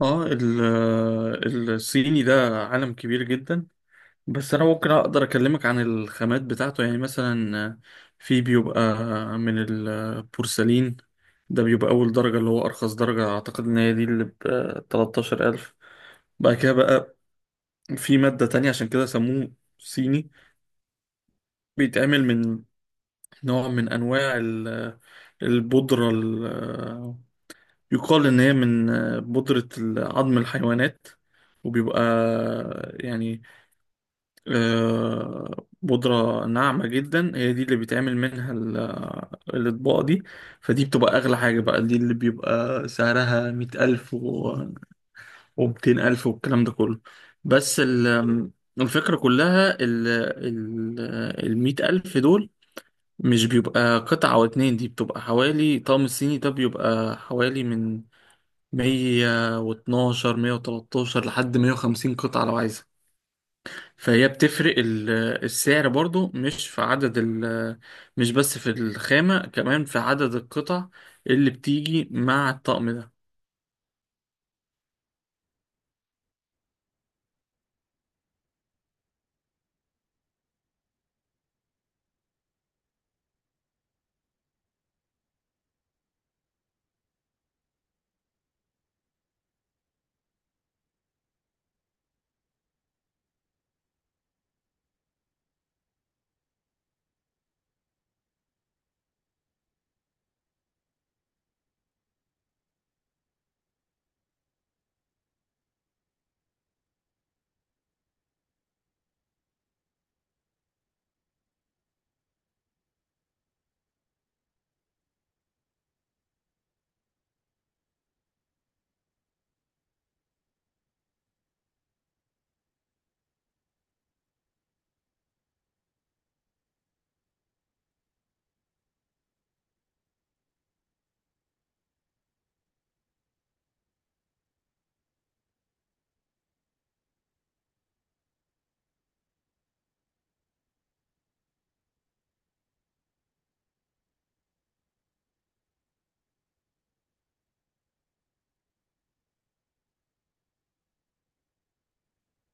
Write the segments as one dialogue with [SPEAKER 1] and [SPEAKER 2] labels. [SPEAKER 1] الصيني ده عالم كبير جدا. بس انا ممكن اقدر اكلمك عن الخامات بتاعته، يعني مثلا في بيبقى من البورسلين. ده بيبقى اول درجة، اللي هو ارخص درجة. اعتقد ان هي دي اللي ب 13000. بعد كده بقى في مادة تانية، عشان كده سموه صيني. بيتعمل من نوع من انواع البودرة، يقال ان هي من بودرة عظم الحيوانات. وبيبقى يعني بودرة ناعمة جدا، هي دي اللي بيتعمل منها الأطباق دي. فدي بتبقى أغلى حاجة، بقى دي اللي بيبقى سعرها مية ألف ومتين ألف والكلام ده كله. بس الفكرة كلها، ال ال المية ألف دول مش بيبقى قطعة أو اتنين. دي بتبقى حوالي، طقم الصيني ده بيبقى حوالي من مية واتناشر، مية وتلاتاشر لحد مية وخمسين قطعة لو عايزة. فهي بتفرق السعر برضو، مش في عدد مش بس في الخامة، كمان في عدد القطع اللي بتيجي مع الطقم ده.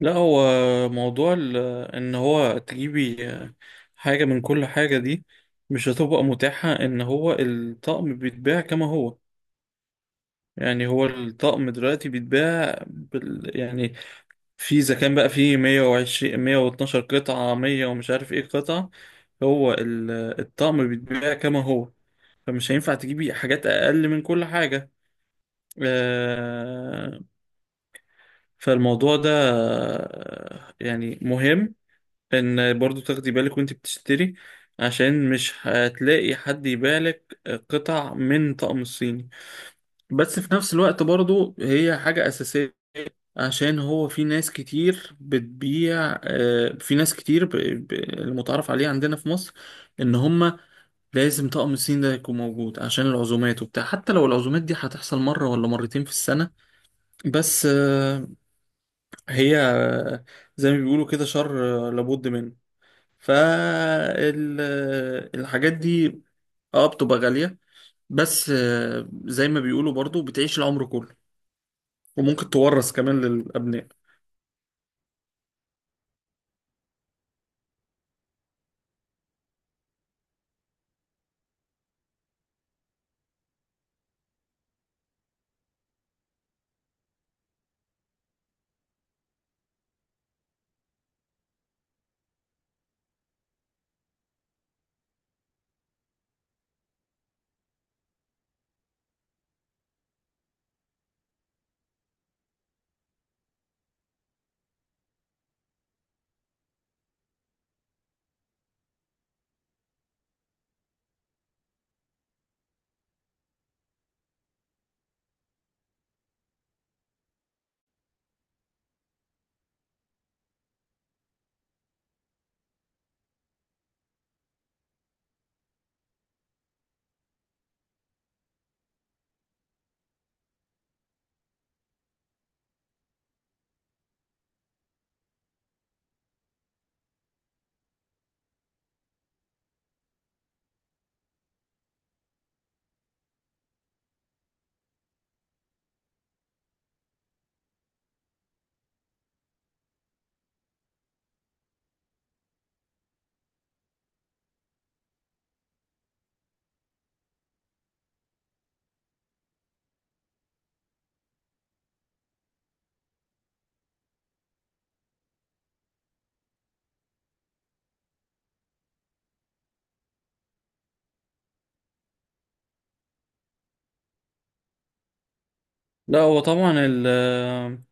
[SPEAKER 1] لا، هو موضوع ان هو تجيبي حاجة من كل حاجة دي، مش هتبقى متاحة. ان هو الطقم بيتباع كما هو. يعني هو الطقم دلوقتي بيتباع يعني، في اذا كان بقى في 120، 112 قطعة، 100 ومش عارف ايه قطعة. هو الطقم بيتباع كما هو، فمش هينفع تجيبي حاجات اقل من كل حاجة. آه، فالموضوع ده يعني مهم ان برضو تاخدي بالك وانت بتشتري، عشان مش هتلاقي حد يبيع لك قطع من طقم الصيني. بس في نفس الوقت برضو هي حاجة أساسية، عشان هو في ناس كتير بتبيع، في ناس كتير المتعارف عليه عندنا في مصر، ان هما لازم طقم الصين ده يكون موجود، عشان العزومات وبتاع. حتى لو العزومات دي هتحصل مرة ولا مرتين في السنة. بس هي زي ما بيقولوا كده شر لابد منه. فالحاجات دي اه بتبقى غالية، بس زي ما بيقولوا برضو بتعيش العمر كله، وممكن تورث كمان للأبناء. لا، هو طبعا ال آه،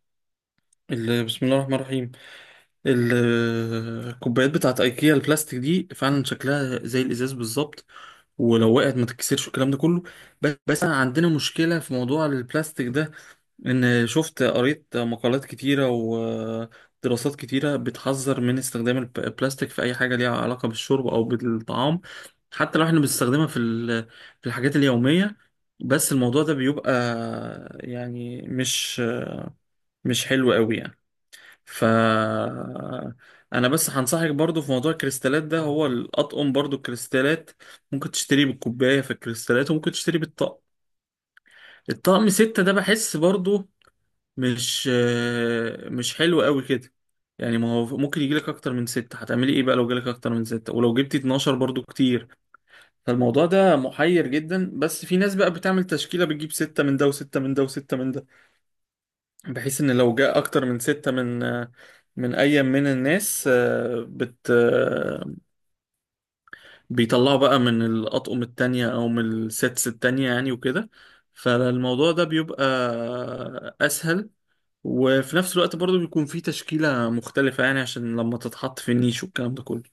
[SPEAKER 1] ال- بسم الله الرحمن الرحيم. الكوبايات بتاعت ايكيا البلاستيك دي، فعلا شكلها زي الازاز بالظبط، ولو وقعت ما تتكسرش والكلام ده كله. بس أنا عندنا مشكله في موضوع البلاستيك ده، ان شفت قريت مقالات كتيره ودراسات كتيره بتحذر من استخدام البلاستيك في اي حاجه ليها علاقه بالشرب او بالطعام، حتى لو احنا بنستخدمها في الحاجات اليوميه. بس الموضوع ده بيبقى يعني مش حلو قوي يعني. ف انا بس هنصحك برضو في موضوع الكريستالات ده، هو الاطقم برضو الكريستالات، ممكن تشتريه بالكوبايه في الكريستالات، وممكن تشتريه بالطقم. الطقم ستة ده بحس برضو مش حلو قوي كده. يعني ما هو ممكن يجيلك اكتر من ستة، هتعملي ايه بقى لو جالك اكتر من ستة؟ ولو جبتي 12 برضو كتير. فالموضوع ده محير جدا، بس في ناس بقى بتعمل تشكيلة، بتجيب ستة من ده وستة من ده وستة من ده، بحيث ان لو جاء اكتر من ستة من اي من الناس، آه، بت آه، بيطلعوا بقى من الاطقم التانية او من السيتس التانية، يعني وكده. فالموضوع ده بيبقى اسهل، وفي نفس الوقت برضو بيكون فيه تشكيلة مختلفة يعني، عشان لما تتحط في النيش والكلام ده كله.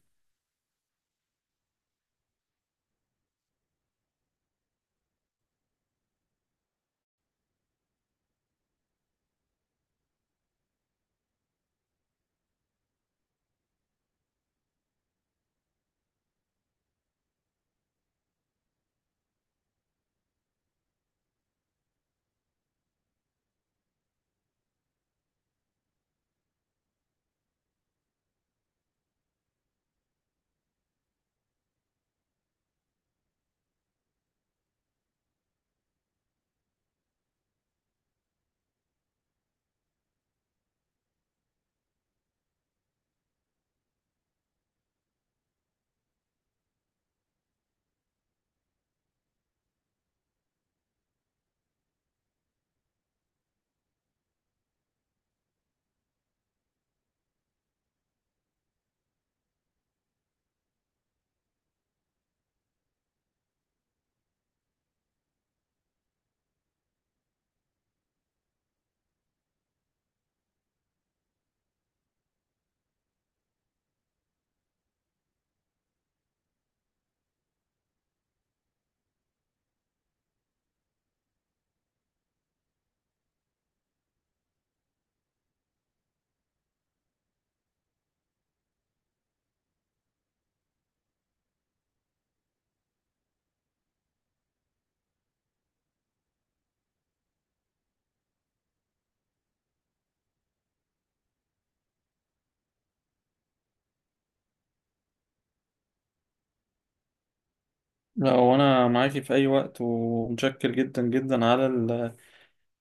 [SPEAKER 1] لا، وانا معاكي في اي وقت، ومتشكر جدا جدا على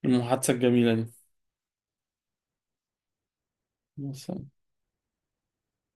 [SPEAKER 1] المحادثة الجميلة دي.